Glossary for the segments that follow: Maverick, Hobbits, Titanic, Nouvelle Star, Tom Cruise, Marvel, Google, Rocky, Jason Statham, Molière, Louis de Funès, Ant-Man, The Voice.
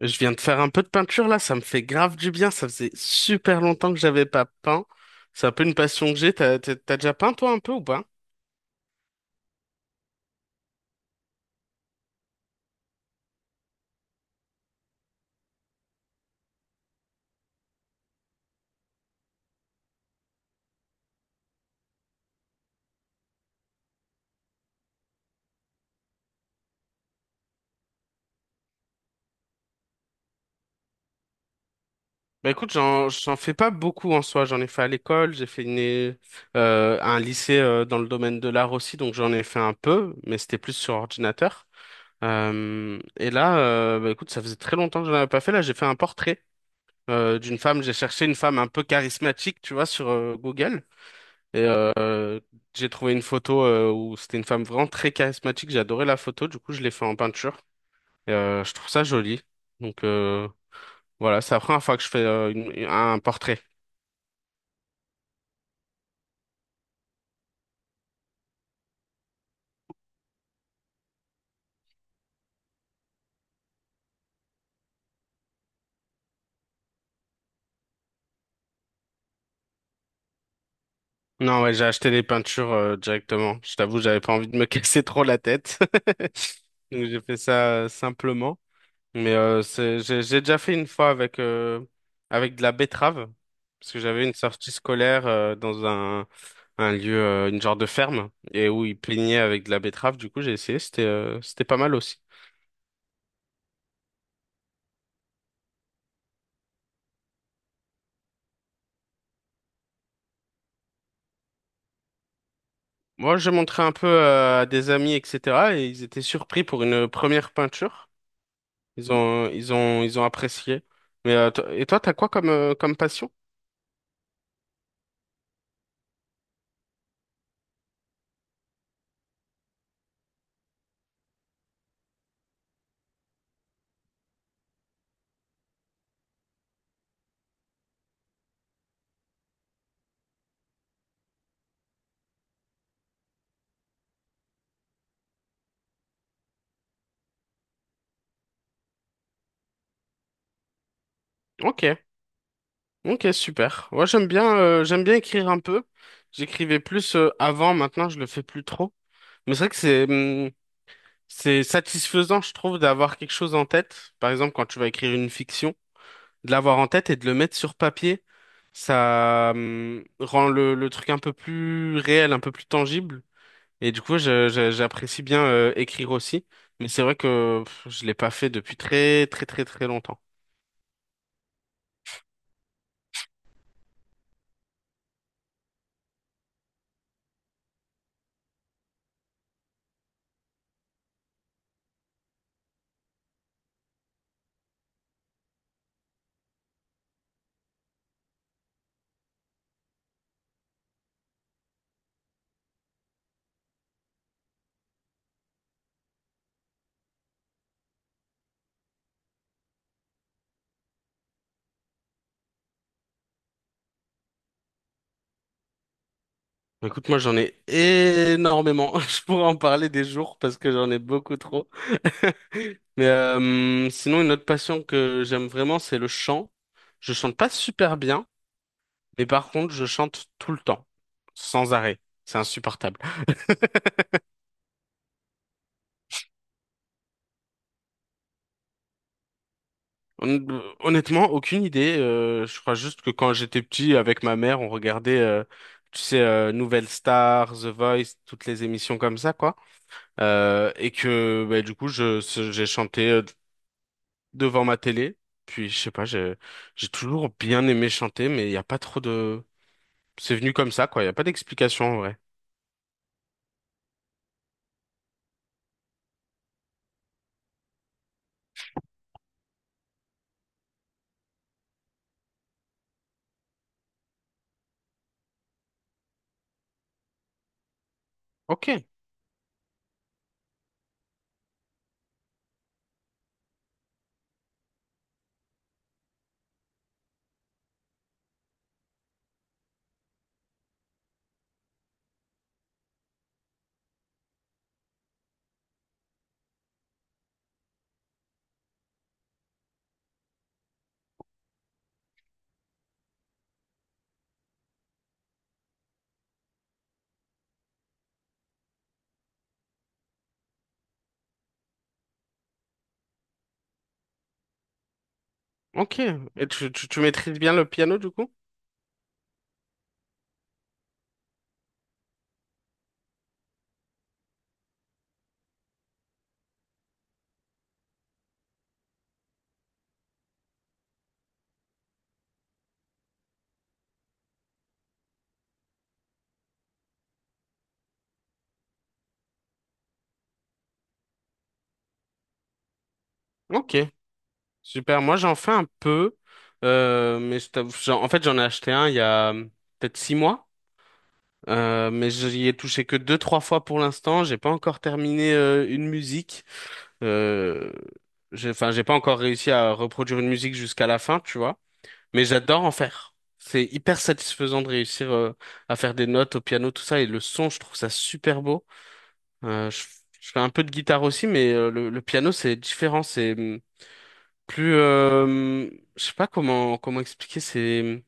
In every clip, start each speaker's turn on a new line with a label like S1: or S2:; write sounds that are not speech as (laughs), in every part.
S1: Je viens de faire un peu de peinture là, ça me fait grave du bien. Ça faisait super longtemps que j'avais pas peint. C'est un peu une passion que j'ai. T'as déjà peint toi un peu ou pas? Bah écoute, j'en fais pas beaucoup en soi. J'en ai fait à l'école, j'ai fait un lycée dans le domaine de l'art aussi, donc j'en ai fait un peu, mais c'était plus sur ordinateur. Et là, bah écoute, ça faisait très longtemps que je n'en avais pas fait. Là, j'ai fait un portrait d'une femme. J'ai cherché une femme un peu charismatique, tu vois, sur Google. Et euh, j'ai trouvé une photo où c'était une femme vraiment très charismatique. J'ai adoré la photo. Du coup, je l'ai fait en peinture. Je trouve ça joli. Donc euh, voilà, c'est la première fois que je fais un portrait. Non, ouais, j'ai acheté les peintures directement. Je t'avoue, j'avais pas envie de me (laughs) casser trop la tête. (laughs) Donc j'ai fait ça simplement. J'ai déjà fait une fois avec, avec de la betterave, parce que j'avais une sortie scolaire dans un lieu, une genre de ferme, et où ils peignaient avec de la betterave. Du coup, j'ai essayé, c'était pas mal aussi. Moi, j'ai montré un peu à des amis, etc., et ils étaient surpris pour une première peinture. Ils ont apprécié. Et toi, t'as quoi comme, comme passion? Ok, ok, super. Moi, j'aime bien écrire un peu. J'écrivais plus avant, maintenant, je le fais plus trop. Mais c'est vrai que c'est satisfaisant, je trouve, d'avoir quelque chose en tête. Par exemple, quand tu vas écrire une fiction, de l'avoir en tête et de le mettre sur papier, ça rend le truc un peu plus réel, un peu plus tangible. Et du coup, j'apprécie bien écrire aussi. Mais c'est vrai que pff, je l'ai pas fait depuis très très très très longtemps. Bah, écoute, moi j'en ai énormément. (laughs) Je pourrais en parler des jours parce que j'en ai beaucoup trop. (laughs) Sinon, une autre passion que j'aime vraiment, c'est le chant. Je chante pas super bien, mais par contre, je chante tout le temps, sans arrêt. C'est insupportable. Hon- Honnêtement, aucune idée. Je crois juste que quand j'étais petit, avec ma mère, on regardait, tu sais, Nouvelle Star, The Voice, toutes les émissions comme ça, quoi. Du coup, j'ai chanté devant ma télé. Puis, je sais pas, j'ai toujours bien aimé chanter, mais il n'y a pas trop de c'est venu comme ça, quoi. Il n'y a pas d'explication en vrai. Ok, ok. Et tu maîtrises bien le piano du coup? Ok, super. Moi, j'en fais un peu. En fait, j'en ai acheté un il y a peut-être 6 mois. Mais j'y ai touché que deux, trois fois pour l'instant. J'ai pas encore terminé une musique. Euh, enfin, j'ai pas encore réussi à reproduire une musique jusqu'à la fin, tu vois. Mais j'adore en faire. C'est hyper satisfaisant de réussir à faire des notes au piano, tout ça. Et le son, je trouve ça super beau. Euh, je, je fais un peu de guitare aussi, mais le piano c'est différent, plus, euh, hum, je sais pas comment comment expliquer,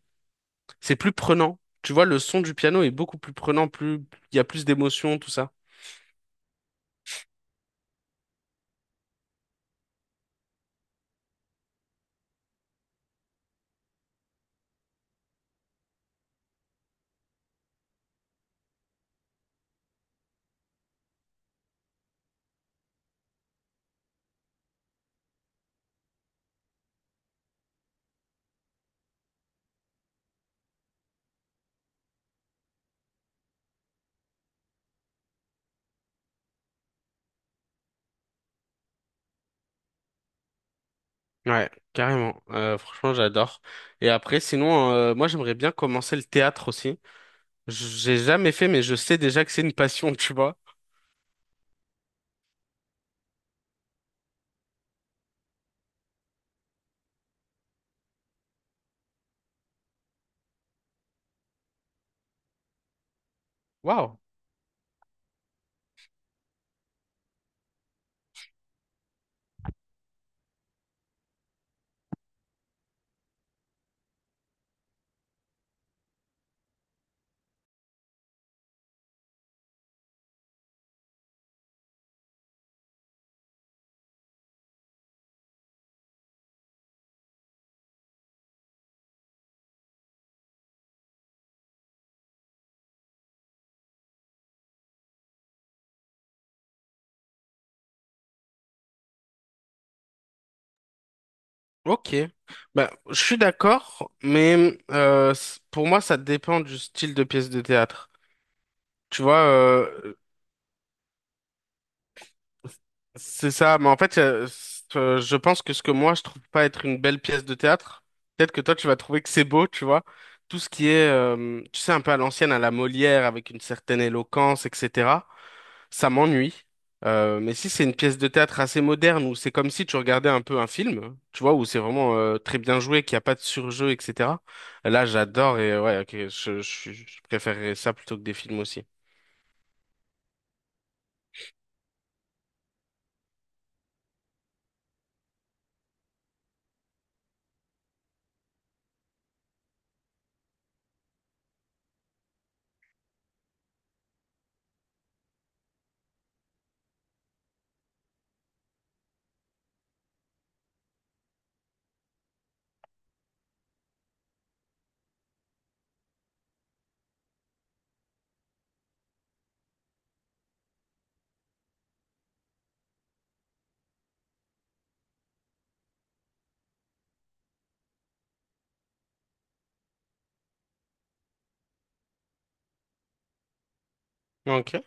S1: c'est plus prenant. Tu vois, le son du piano est beaucoup plus prenant, plus il y a plus d'émotions, tout ça. Ouais, carrément. Franchement, j'adore. Et après, sinon, moi j'aimerais bien commencer le théâtre aussi. J'ai jamais fait, mais je sais déjà que c'est une passion, (laughs) tu vois. Waouh. Ok. Bah, je suis d'accord, mais pour moi, ça dépend du style de pièce de théâtre. Tu vois, c'est ça. Je pense que ce que moi, je trouve pas être une belle pièce de théâtre, peut-être que toi, tu vas trouver que c'est beau, tu vois. Tout ce qui est, tu sais, un peu à l'ancienne, à la Molière, avec une certaine éloquence, etc., ça m'ennuie. Mais si c'est une pièce de théâtre assez moderne, où c'est comme si tu regardais un peu un film, tu vois, où c'est vraiment très bien joué, qu'il n'y a pas de surjeu, etc., là, j'adore et ouais, ok, je préférerais ça plutôt que des films aussi. Ok.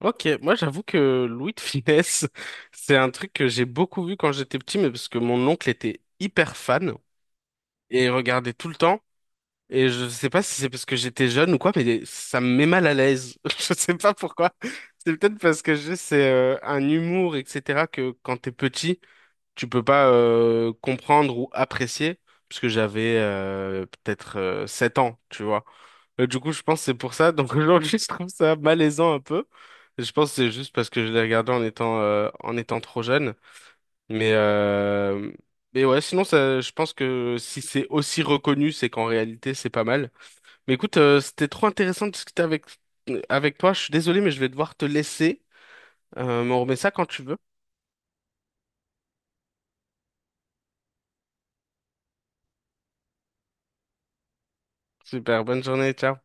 S1: Ok, moi j'avoue que Louis de Funès, (laughs) c'est un truc que j'ai beaucoup vu quand j'étais petit, mais parce que mon oncle était hyper fan et regardait tout le temps. Et je sais pas si c'est parce que j'étais jeune ou quoi, mais ça me met mal à l'aise. (laughs) Je sais pas pourquoi. C'est peut-être parce que je- C'est un humour, etc., que quand t'es petit, tu peux pas comprendre ou apprécier, parce que j'avais peut-être 7 ans, tu vois. Du coup, je pense que c'est pour ça. Donc (laughs) aujourd'hui, je trouve ça malaisant un peu. Je pense que c'est juste parce que je l'ai regardé en étant trop jeune. Mais, euh, mais ouais, sinon, ça, je pense que si c'est aussi reconnu, c'est qu'en réalité, c'est pas mal. Mais écoute, c'était trop intéressant de discuter avec, avec toi. Je suis désolé, mais je vais devoir te laisser. Mais on remet ça quand tu veux. Super, bonne journée, ciao.